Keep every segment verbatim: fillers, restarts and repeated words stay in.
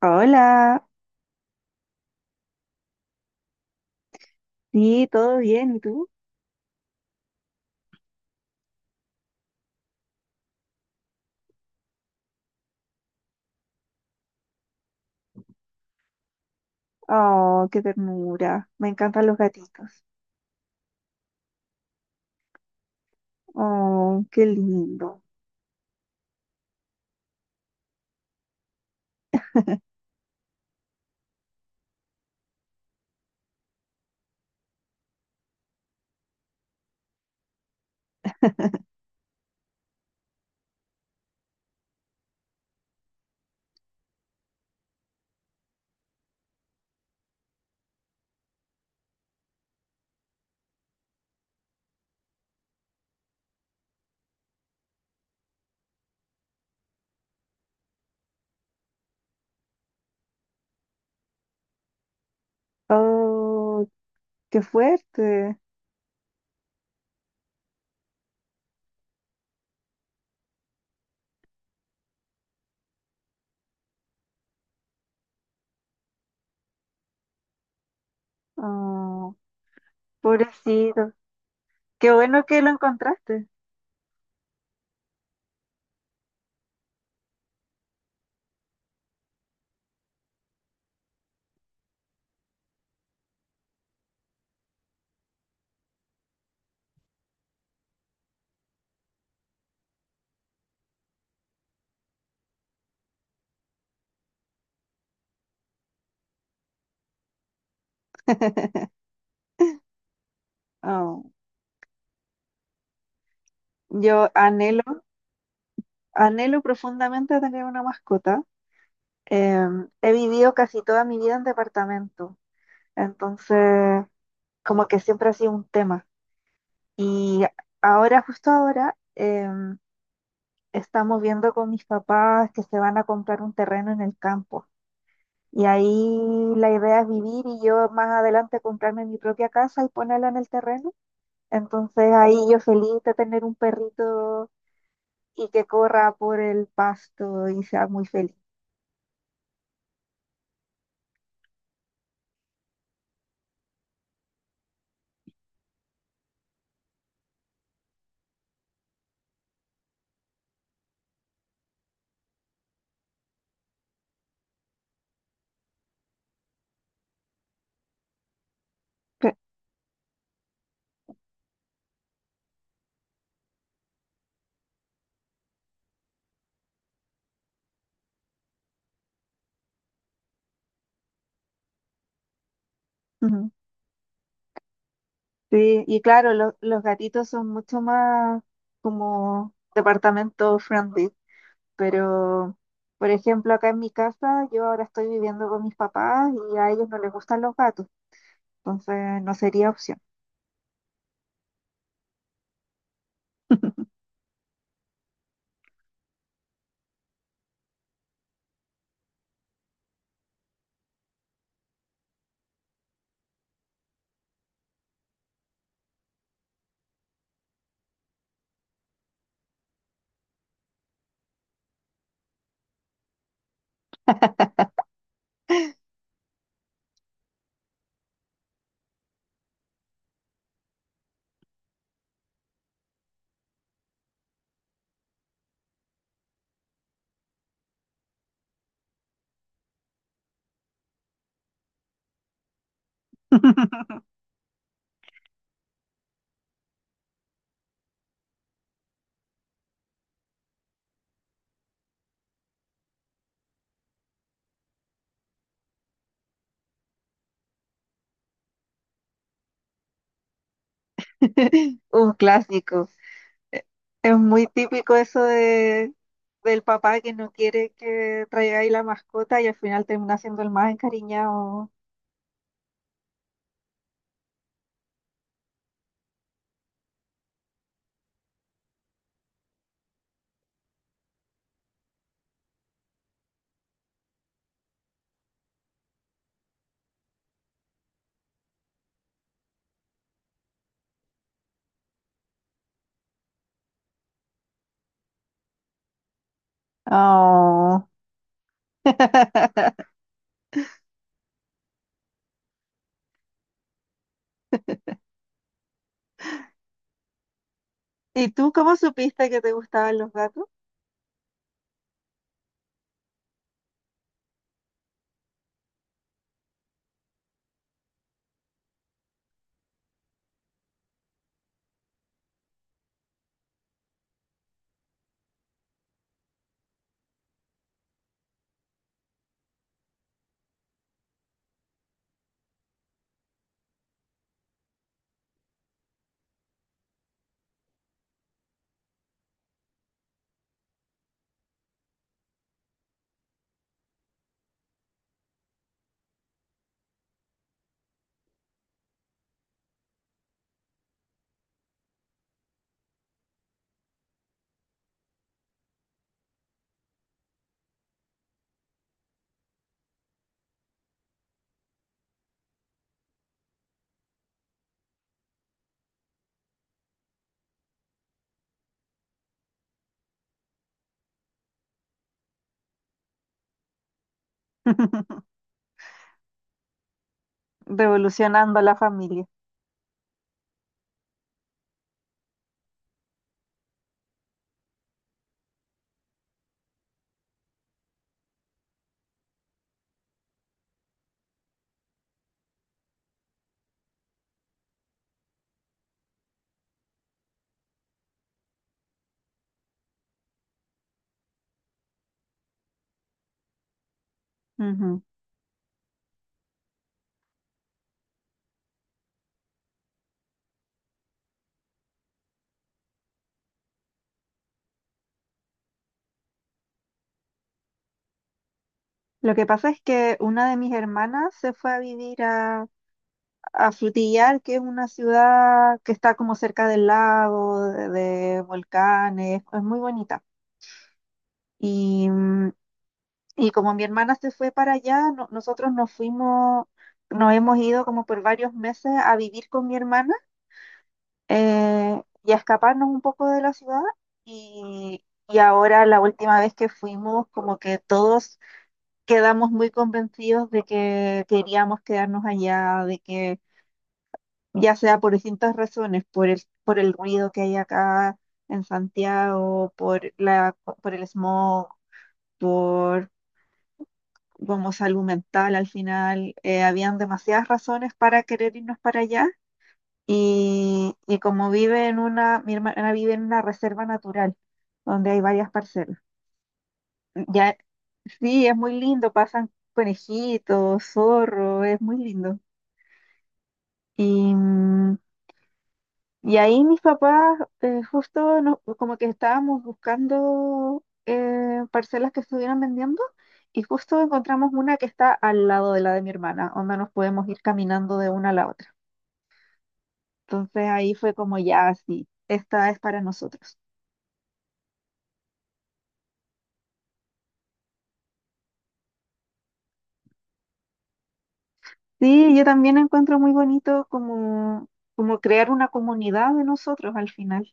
Hola, sí, todo bien, ¿y tú? Oh, qué ternura, me encantan los gatitos. Oh, qué lindo. Oh, qué fuerte. Oh, pobrecito. Qué bueno que lo encontraste. Oh, yo anhelo, anhelo profundamente tener una mascota. Em, he vivido casi toda mi vida en departamento, entonces como que siempre ha sido un tema. Y ahora, justo ahora, em, estamos viendo con mis papás que se van a comprar un terreno en el campo. Y ahí la idea es vivir y yo más adelante comprarme mi propia casa y ponerla en el terreno. Entonces ahí yo feliz de tener un perrito y que corra por el pasto y sea muy feliz. Cl- Ujú. Sí, y claro, lo- los gatitos son mucho más como departamento friendly, pero por ejemplo acá en mi casa yo ahora estoy viviendo con mis papás y a ellos no les gustan los gatos. Entonces no sería opción. Un clásico. Eh, Es muy típico eso de, del papá que no quiere que traigáis la mascota y al final termina siendo el más encariñado. Oh. ¿Y tú cómo supiste que te gustaban los gatos? Revolucionando a la familia. Ujú. Lo que pasa es que una de mis hermanas se fue a vivir a, a Frutillar, que es una ciudad que está como cerca del lago, de, de volcanes, es muy bonita. Y, mm, y como mi hermana se fue para allá, no- nosotros nos fuimos, nos hemos ido como por varios meses a vivir con mi hermana eh, y a escaparnos un poco de la ciudad. Y, y ahora la última vez que fuimos, como que todos quedamos muy convencidos de que queríamos quedarnos allá, de que ya sea por distintas razones, por el, por el ruido que hay acá en Santiago, por la, por el smog, como salud mental al final, eh, habían demasiadas razones para querer irnos para allá y, y como vive en una, mi hermana vive en una reserva natural donde hay varias parcelas. Ya, sí, es muy lindo, pasan conejitos, zorro, es muy lindo. Y, mm. Y ahí mis papás eh, justo nos- como que estábamos buscando eh, parcelas que estuvieran vendiendo y justo encontramos una que está al lado de la de mi hermana, donde nos podemos ir caminando de una a la otra. Entonces ahí fue como ya sí, esta es para nosotros. Sí, yo también encuentro muy bonito como, como crear una comunidad de nosotros al final.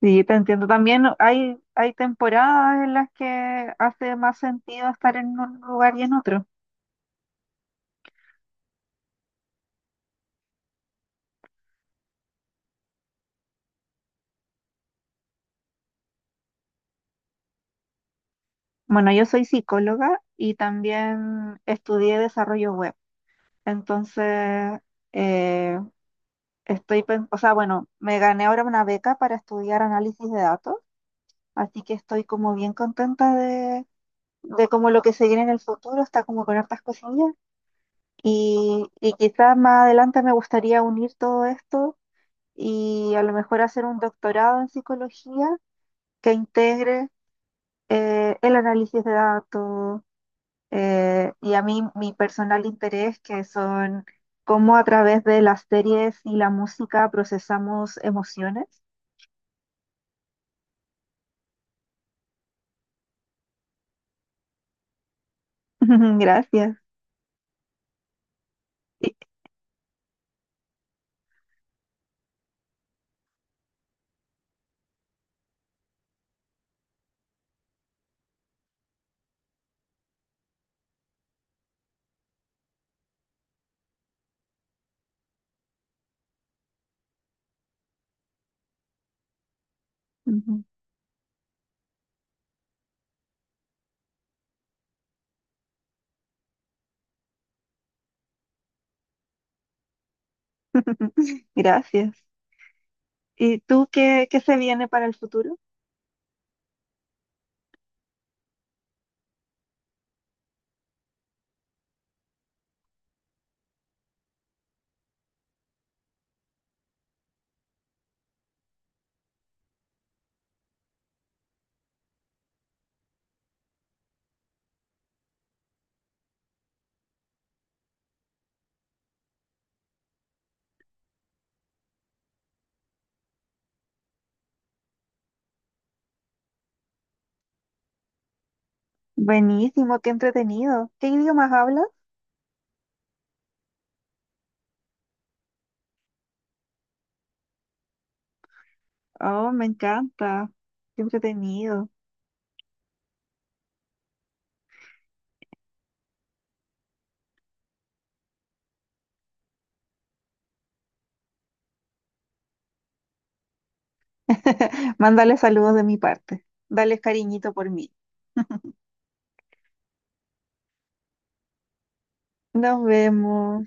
Sí, te entiendo. También hay, hay temporadas en las que hace más sentido estar en un lugar y en otro. Bueno, yo soy psicóloga y también estudié desarrollo web. Entonces, eh, estoy, pen- o sea, bueno, me gané ahora una beca para estudiar análisis de datos, así que estoy como bien contenta de, de como lo que se viene en el futuro, está como con hartas cosillas. Y, y quizás más adelante me gustaría unir todo esto y a lo mejor hacer un doctorado en psicología que integre eh, el análisis de datos eh, y a mí mi personal interés, que son cómo a través de las series y la música procesamos emociones. Gracias. Y- Ujú. Gracias. ¿Y tú qué, qué se viene para el futuro? Buenísimo, qué entretenido. ¿Qué idiomas hablas? Oh, me encanta. Qué entretenido. Mándale saludos de mi parte. Dale cariñito por mí. Nos vemos.